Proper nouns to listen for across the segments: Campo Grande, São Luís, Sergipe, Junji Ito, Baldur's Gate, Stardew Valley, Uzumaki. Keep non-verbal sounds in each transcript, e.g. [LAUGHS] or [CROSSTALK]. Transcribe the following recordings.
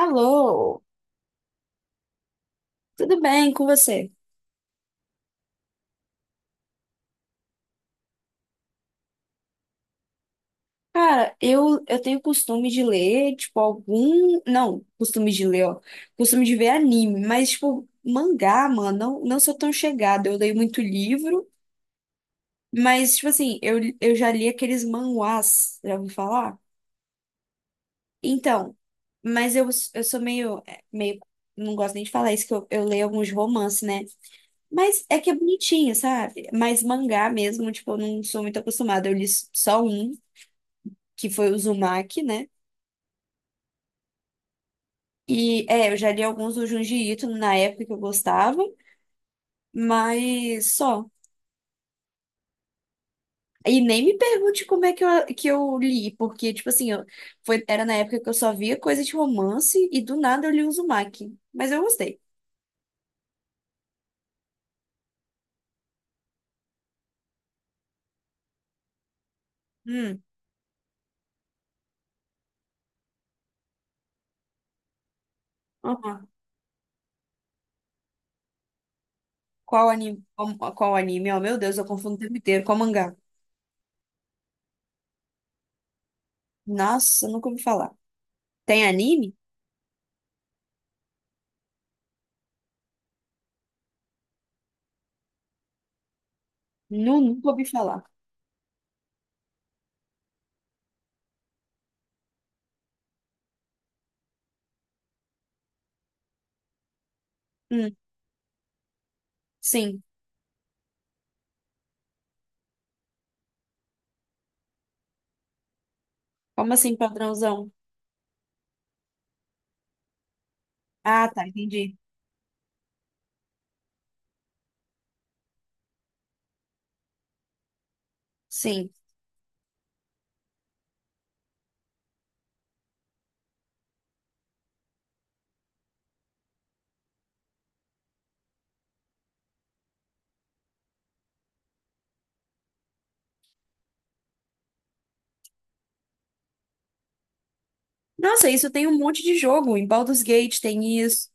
Alô, tudo bem com você? Cara, eu tenho costume de ler, tipo, algum. Não, costume de ler, ó. Costume de ver anime, mas, tipo, mangá, mano, não sou tão chegada. Eu leio muito livro, mas, tipo assim, eu já li aqueles manhwas, já ouviu falar? Então, mas eu sou meio, meio. Não gosto nem de falar isso, que eu leio alguns romances, né? Mas é que é bonitinho, sabe? Mas mangá mesmo, tipo, eu não sou muito acostumada. Eu li só um, que foi o Uzumaki, né? E é, eu já li alguns do Junji Ito na época que eu gostava, mas só. E nem me pergunte como é que eu li, porque, tipo assim, eu, foi, era na época que eu só via coisa de romance e do nada eu li o Uzumaki. Mas eu gostei. Hum, aham. Qual anime? Qual anime? Oh, meu Deus, eu confundo o tempo inteiro. Qual mangá? Nossa, eu nunca ouvi falar. Tem anime? Nunca ouvi falar. Hum, sim. Como assim, padrãozão? Ah, tá, entendi. Sim. Nossa, isso tem um monte de jogo. Em Baldur's Gate tem isso.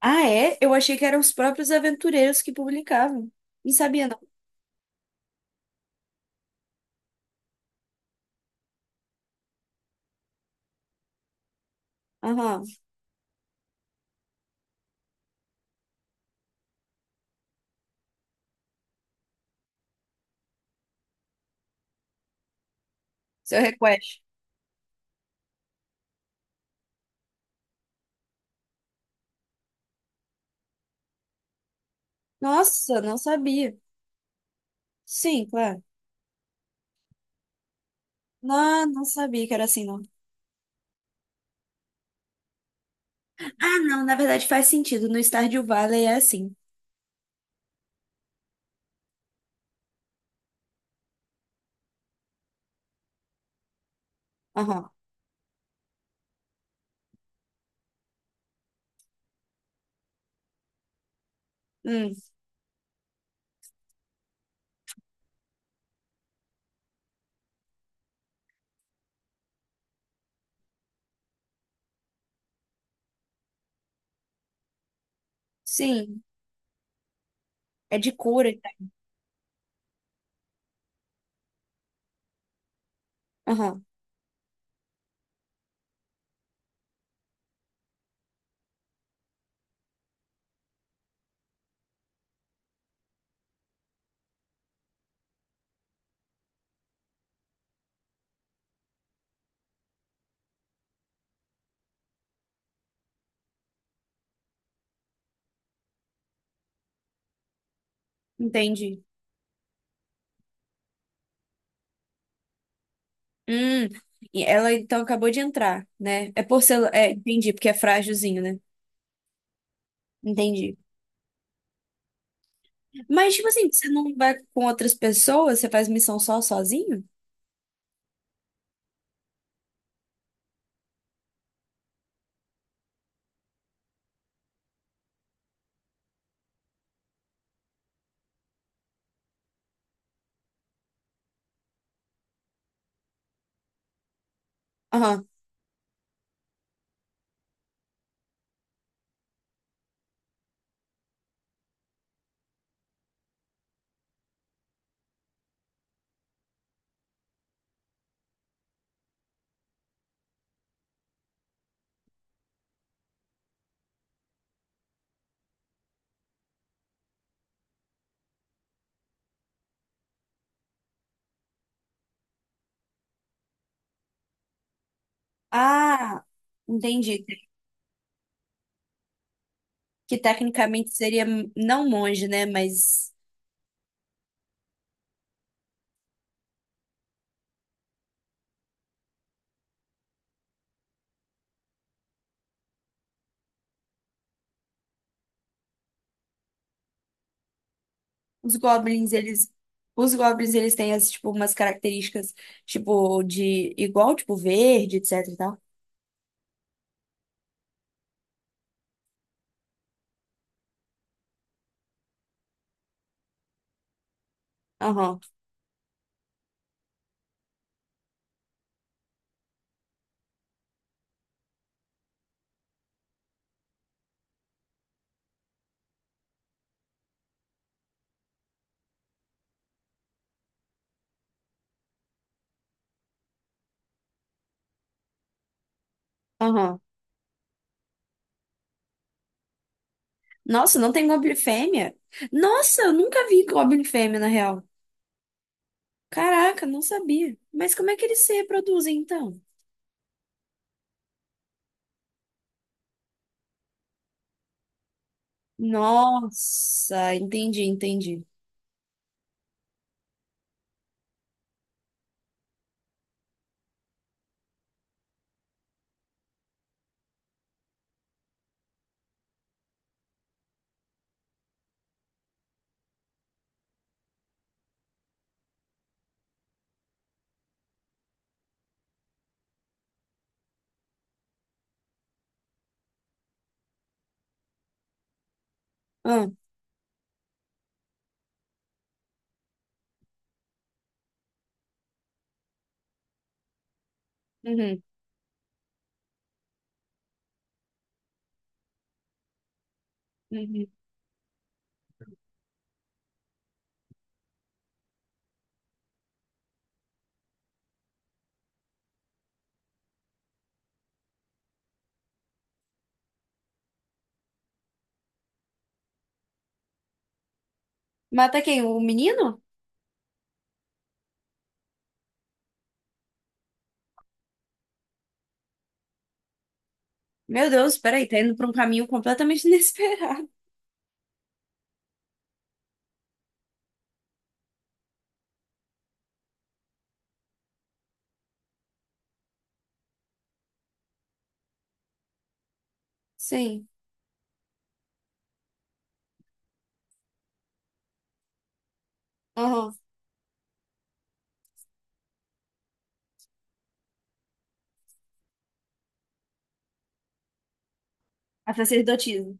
Ah, é? Eu achei que eram os próprios aventureiros que publicavam. Não sabia, não. Aham. Seu request. Nossa, não sabia. Sim, claro. Não, não sabia que era assim, não. Ah, não, na verdade faz sentido. No Stardew Valley é assim. Aham. Hum, sim. É de cura e tal. Aham. Entendi. Hum. E ela então acabou de entrar, né? É porcelana. É, entendi, porque é frágilzinho, né? Entendi. Mas, tipo assim, você não vai com outras pessoas? Você faz missão só sozinho? Aham. Ah, entendi. Que tecnicamente seria não monge, né? Mas os goblins, eles. Os goblins, eles têm as, tipo, umas características, tipo, de igual, tipo, verde, etc e tal. Aham, aham. Nossa, não tem goblin fêmea? Nossa, eu nunca vi goblin fêmea, na real. Caraca, não sabia. Mas como é que eles se reproduzem, então? Nossa, entendi, entendi. Uhum, uhum. Mata quem? O menino? Meu Deus, peraí, tá indo pra um caminho completamente [LAUGHS] inesperado. Sim. Aham. A sacerdotisa.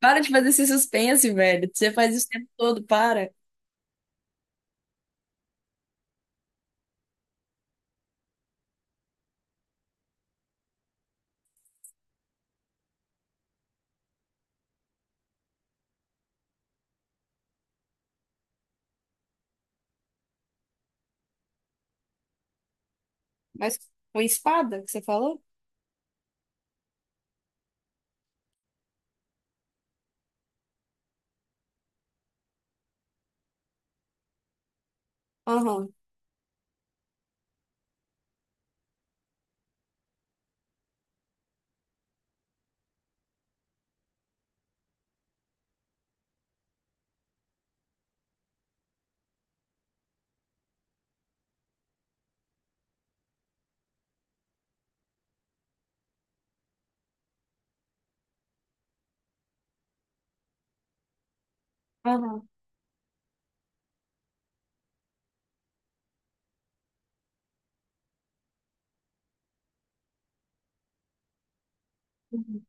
Para de fazer esse suspense, velho. Você faz isso o tempo todo, para. Mas com espada que você falou? Aham. Aham. Uhum.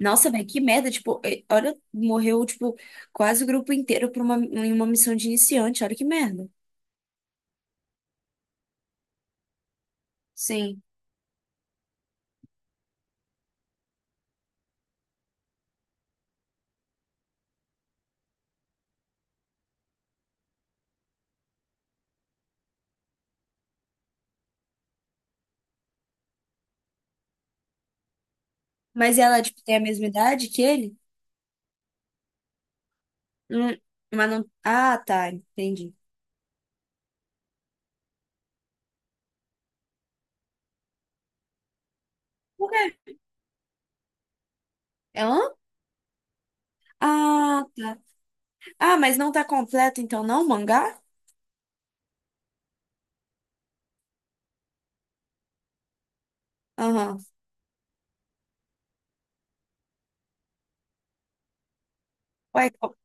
Nossa, velho, que merda. Tipo, olha, morreu, tipo, quase o grupo inteiro por uma, em uma missão de iniciante. Olha que merda. Sim. Mas ela, tipo, tem a mesma idade que ele? Hum, mas não. Ah, tá, entendi. Por quê? Ela? Ah, tá. Ah, mas não tá completo então, não, o mangá? Aham. Ué, co-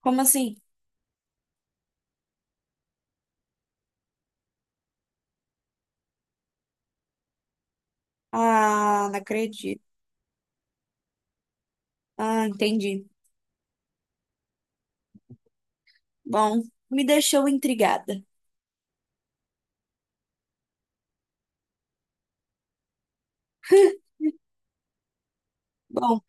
como assim? Ah, não acredito. Ah, entendi. Bom, me deixou intrigada. [LAUGHS] Bom,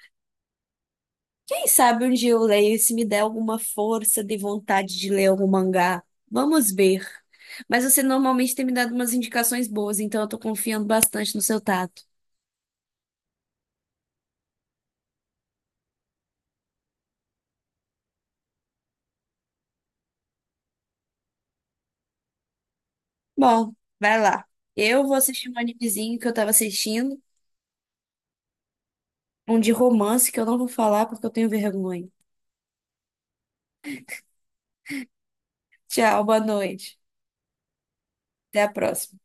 quem sabe um dia eu leio e se me der alguma força de vontade de ler algum mangá. Vamos ver. Mas você normalmente tem me dado umas indicações boas, então eu tô confiando bastante no seu tato. Bom, vai lá. Eu vou assistir um animezinho que eu tava assistindo, um de romance que eu não vou falar porque eu tenho vergonha. Tchau, boa noite. Até a próxima.